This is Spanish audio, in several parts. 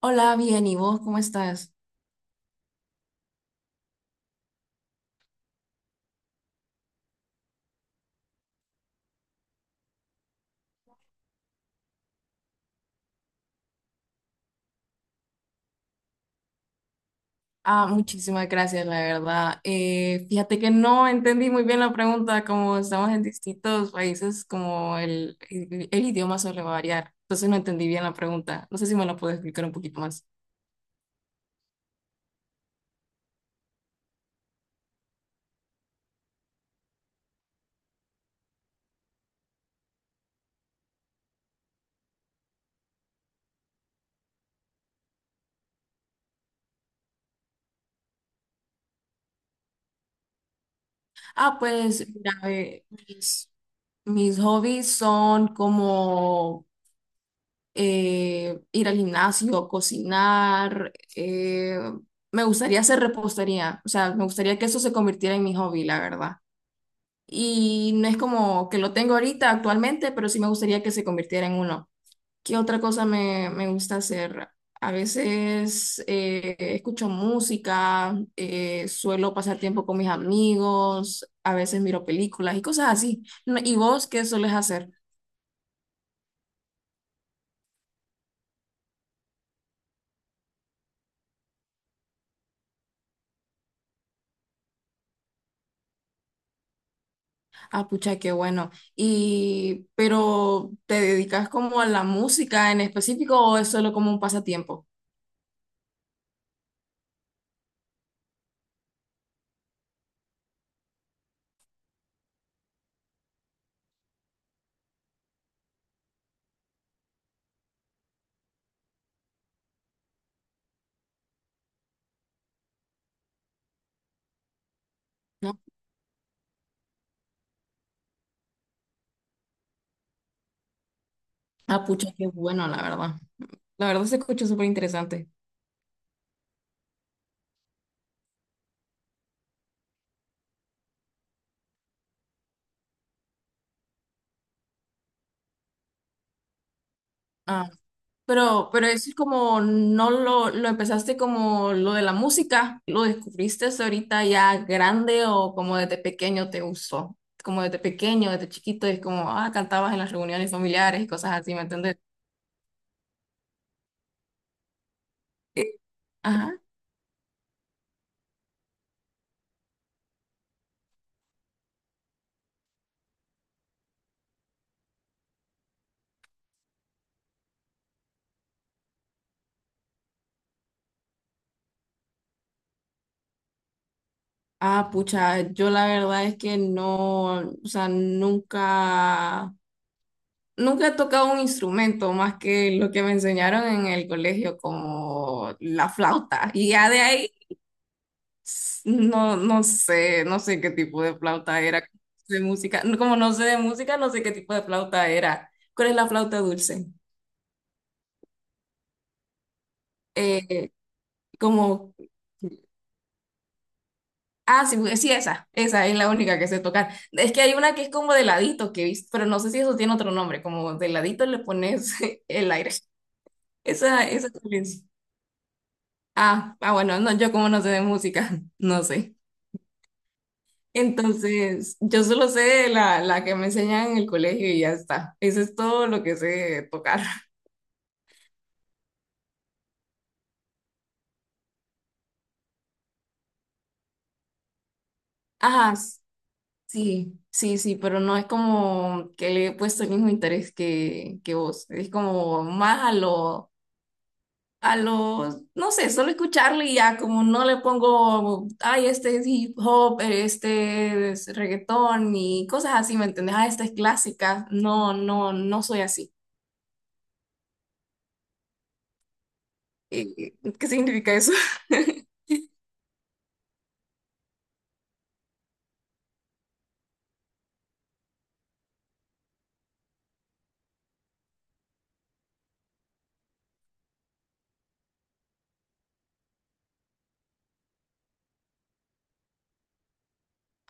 Hola, bien, ¿y vos cómo estás? Ah, muchísimas gracias, la verdad. Fíjate que no entendí muy bien la pregunta, como estamos en distintos países, como el idioma suele variar. Entonces no entendí bien la pregunta. No sé si me la puedes explicar un poquito más. Ah, pues, mira, mis hobbies son como ir al gimnasio, cocinar, me gustaría hacer repostería. O sea, me gustaría que eso se convirtiera en mi hobby, la verdad. Y no es como que lo tengo ahorita actualmente, pero sí me gustaría que se convirtiera en uno. ¿Qué otra cosa me gusta hacer? A veces escucho música, suelo pasar tiempo con mis amigos, a veces miro películas y cosas así. No, ¿y vos qué sueles hacer? Ah, pucha, qué bueno. Y, pero ¿te dedicas como a la música en específico o es solo como un pasatiempo? ¿No? Ah, pucha, qué bueno, la verdad. La verdad se escucha súper interesante. Pero eso es como, no lo empezaste como lo de la música, lo descubriste ahorita ya grande, o como desde pequeño te gustó, como desde pequeño, desde chiquito, es como, ah, cantabas en las reuniones familiares y cosas así, ¿me entiendes? Eh, Ajá. Ah, pucha, yo la verdad es que no, o sea, nunca, nunca he tocado un instrumento más que lo que me enseñaron en el colegio, como la flauta. Y ya de ahí no, no sé, no sé qué tipo de flauta era, de música, como no sé de música, no sé qué tipo de flauta era. ¿Cuál es la flauta dulce? Eh, como, ah, sí, sí, esa es la única que sé tocar. Es que hay una que es como de ladito que he visto, pero no sé si eso tiene otro nombre, como de ladito le pones el aire. Esa cuál es. Ah, ah, bueno, no, yo como no sé de música, no sé. Entonces, yo solo sé la que me enseñan en el colegio y ya está. Eso es todo lo que sé tocar. Ajá, sí, sí, sí, pero no es como que le he puesto el mismo interés que vos. Es como más a lo, no sé, solo escucharle y ya, como no le pongo, ay, este es hip hop, este es reggaetón y cosas así, ¿me entendés? Ah, esta es clásica. No, no, no soy así. Eh, ¿Qué significa eso?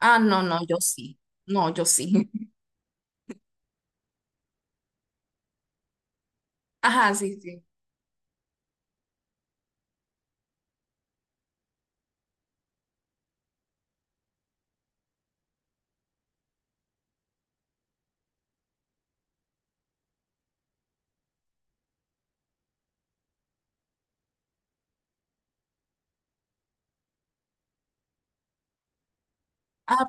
Ah, no, no, yo sí. No, yo sí. Ajá, sí, sí. Ah,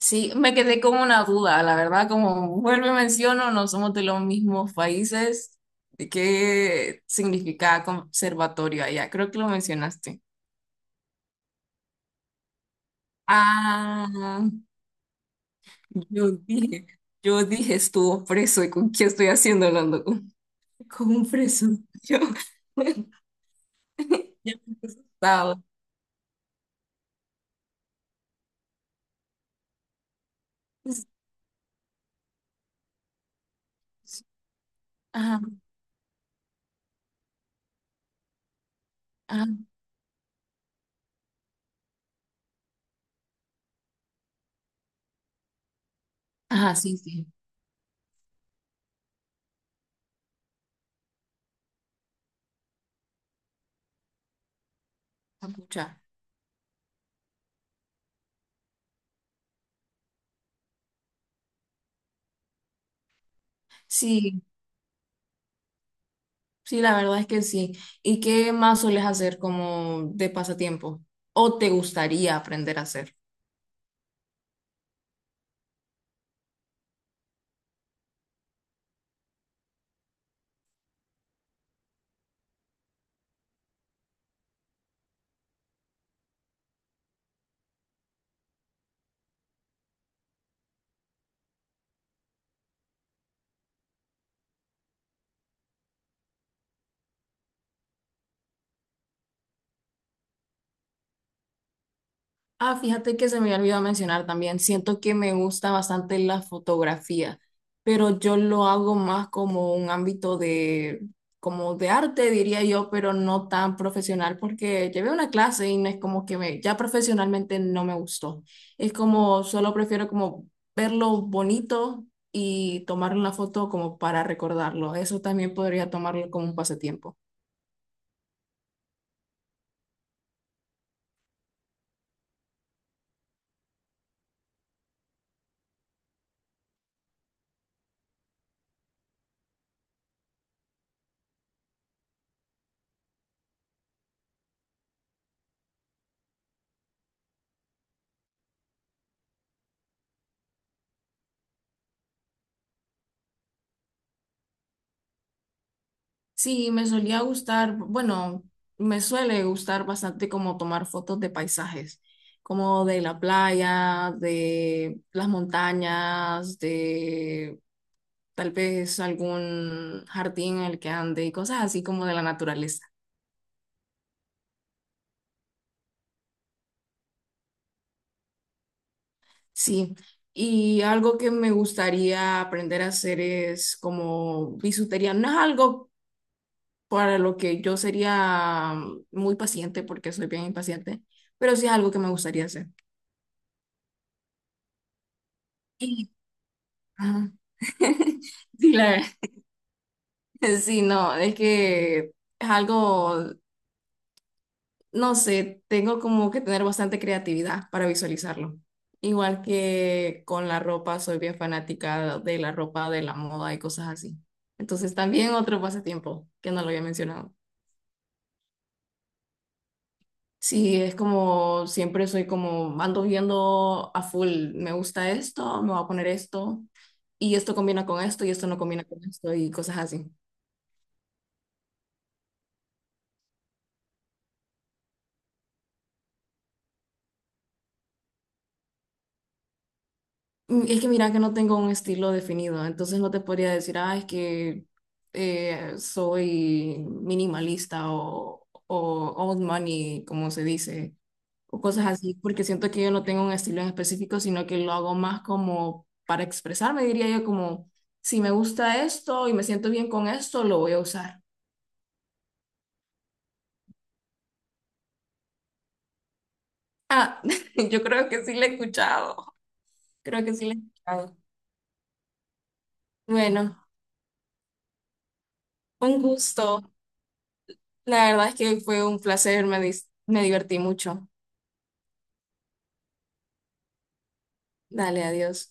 sí, me quedé con una duda, la verdad, como vuelvo y menciono, no somos de los mismos países. ¿De qué significa conservatorio allá? Creo que lo mencionaste. Ah, yo dije, yo dije estuvo preso y con quién estoy haciendo hablando con un preso. Yo, ya me he asustado. Ajá, ajá, ajá, sí, sí. Capucha. Sí, sí, la verdad es que sí. ¿Y qué más sueles hacer como de pasatiempo? ¿O te gustaría aprender a hacer? Ah, fíjate que se me había olvidado mencionar también. Siento que me gusta bastante la fotografía, pero yo lo hago más como un ámbito de, como de arte, diría yo, pero no tan profesional, porque llevé una clase y no es como que me, ya profesionalmente no me gustó. Es como, solo prefiero como verlo bonito y tomar una foto como para recordarlo. Eso también podría tomarlo como un pasatiempo. Sí, me solía gustar, bueno, me suele gustar bastante como tomar fotos de paisajes, como de la playa, de las montañas, de tal vez algún jardín en el que ande y cosas así como de la naturaleza. Sí, y algo que me gustaría aprender a hacer es como bisutería. No es algo para lo que yo sería muy paciente porque soy bien impaciente, pero sí es algo que me gustaría hacer. Ajá. Sí, la verdad. Sí, no, es que es algo, no sé, tengo como que tener bastante creatividad para visualizarlo. Igual que con la ropa, soy bien fanática de la ropa, de la moda y cosas así. Entonces también otro pasatiempo que no lo había mencionado. Sí, es como siempre soy como ando viendo a full, me gusta esto, me voy a poner esto y esto combina con esto y esto no combina con esto y cosas así. Mm, es que mira que no tengo un estilo definido, entonces no te podría decir, ah, es que soy minimalista o old money, como se dice, o cosas así, porque siento que yo no tengo un estilo en específico, sino que lo hago más como para expresarme, diría yo, como si me gusta esto y me siento bien con esto, lo voy a usar. Ah, yo creo que sí le he escuchado, creo que sí le he escuchado. Bueno, un gusto. La verdad es que fue un placer, me, me divertí mucho. Dale, adiós.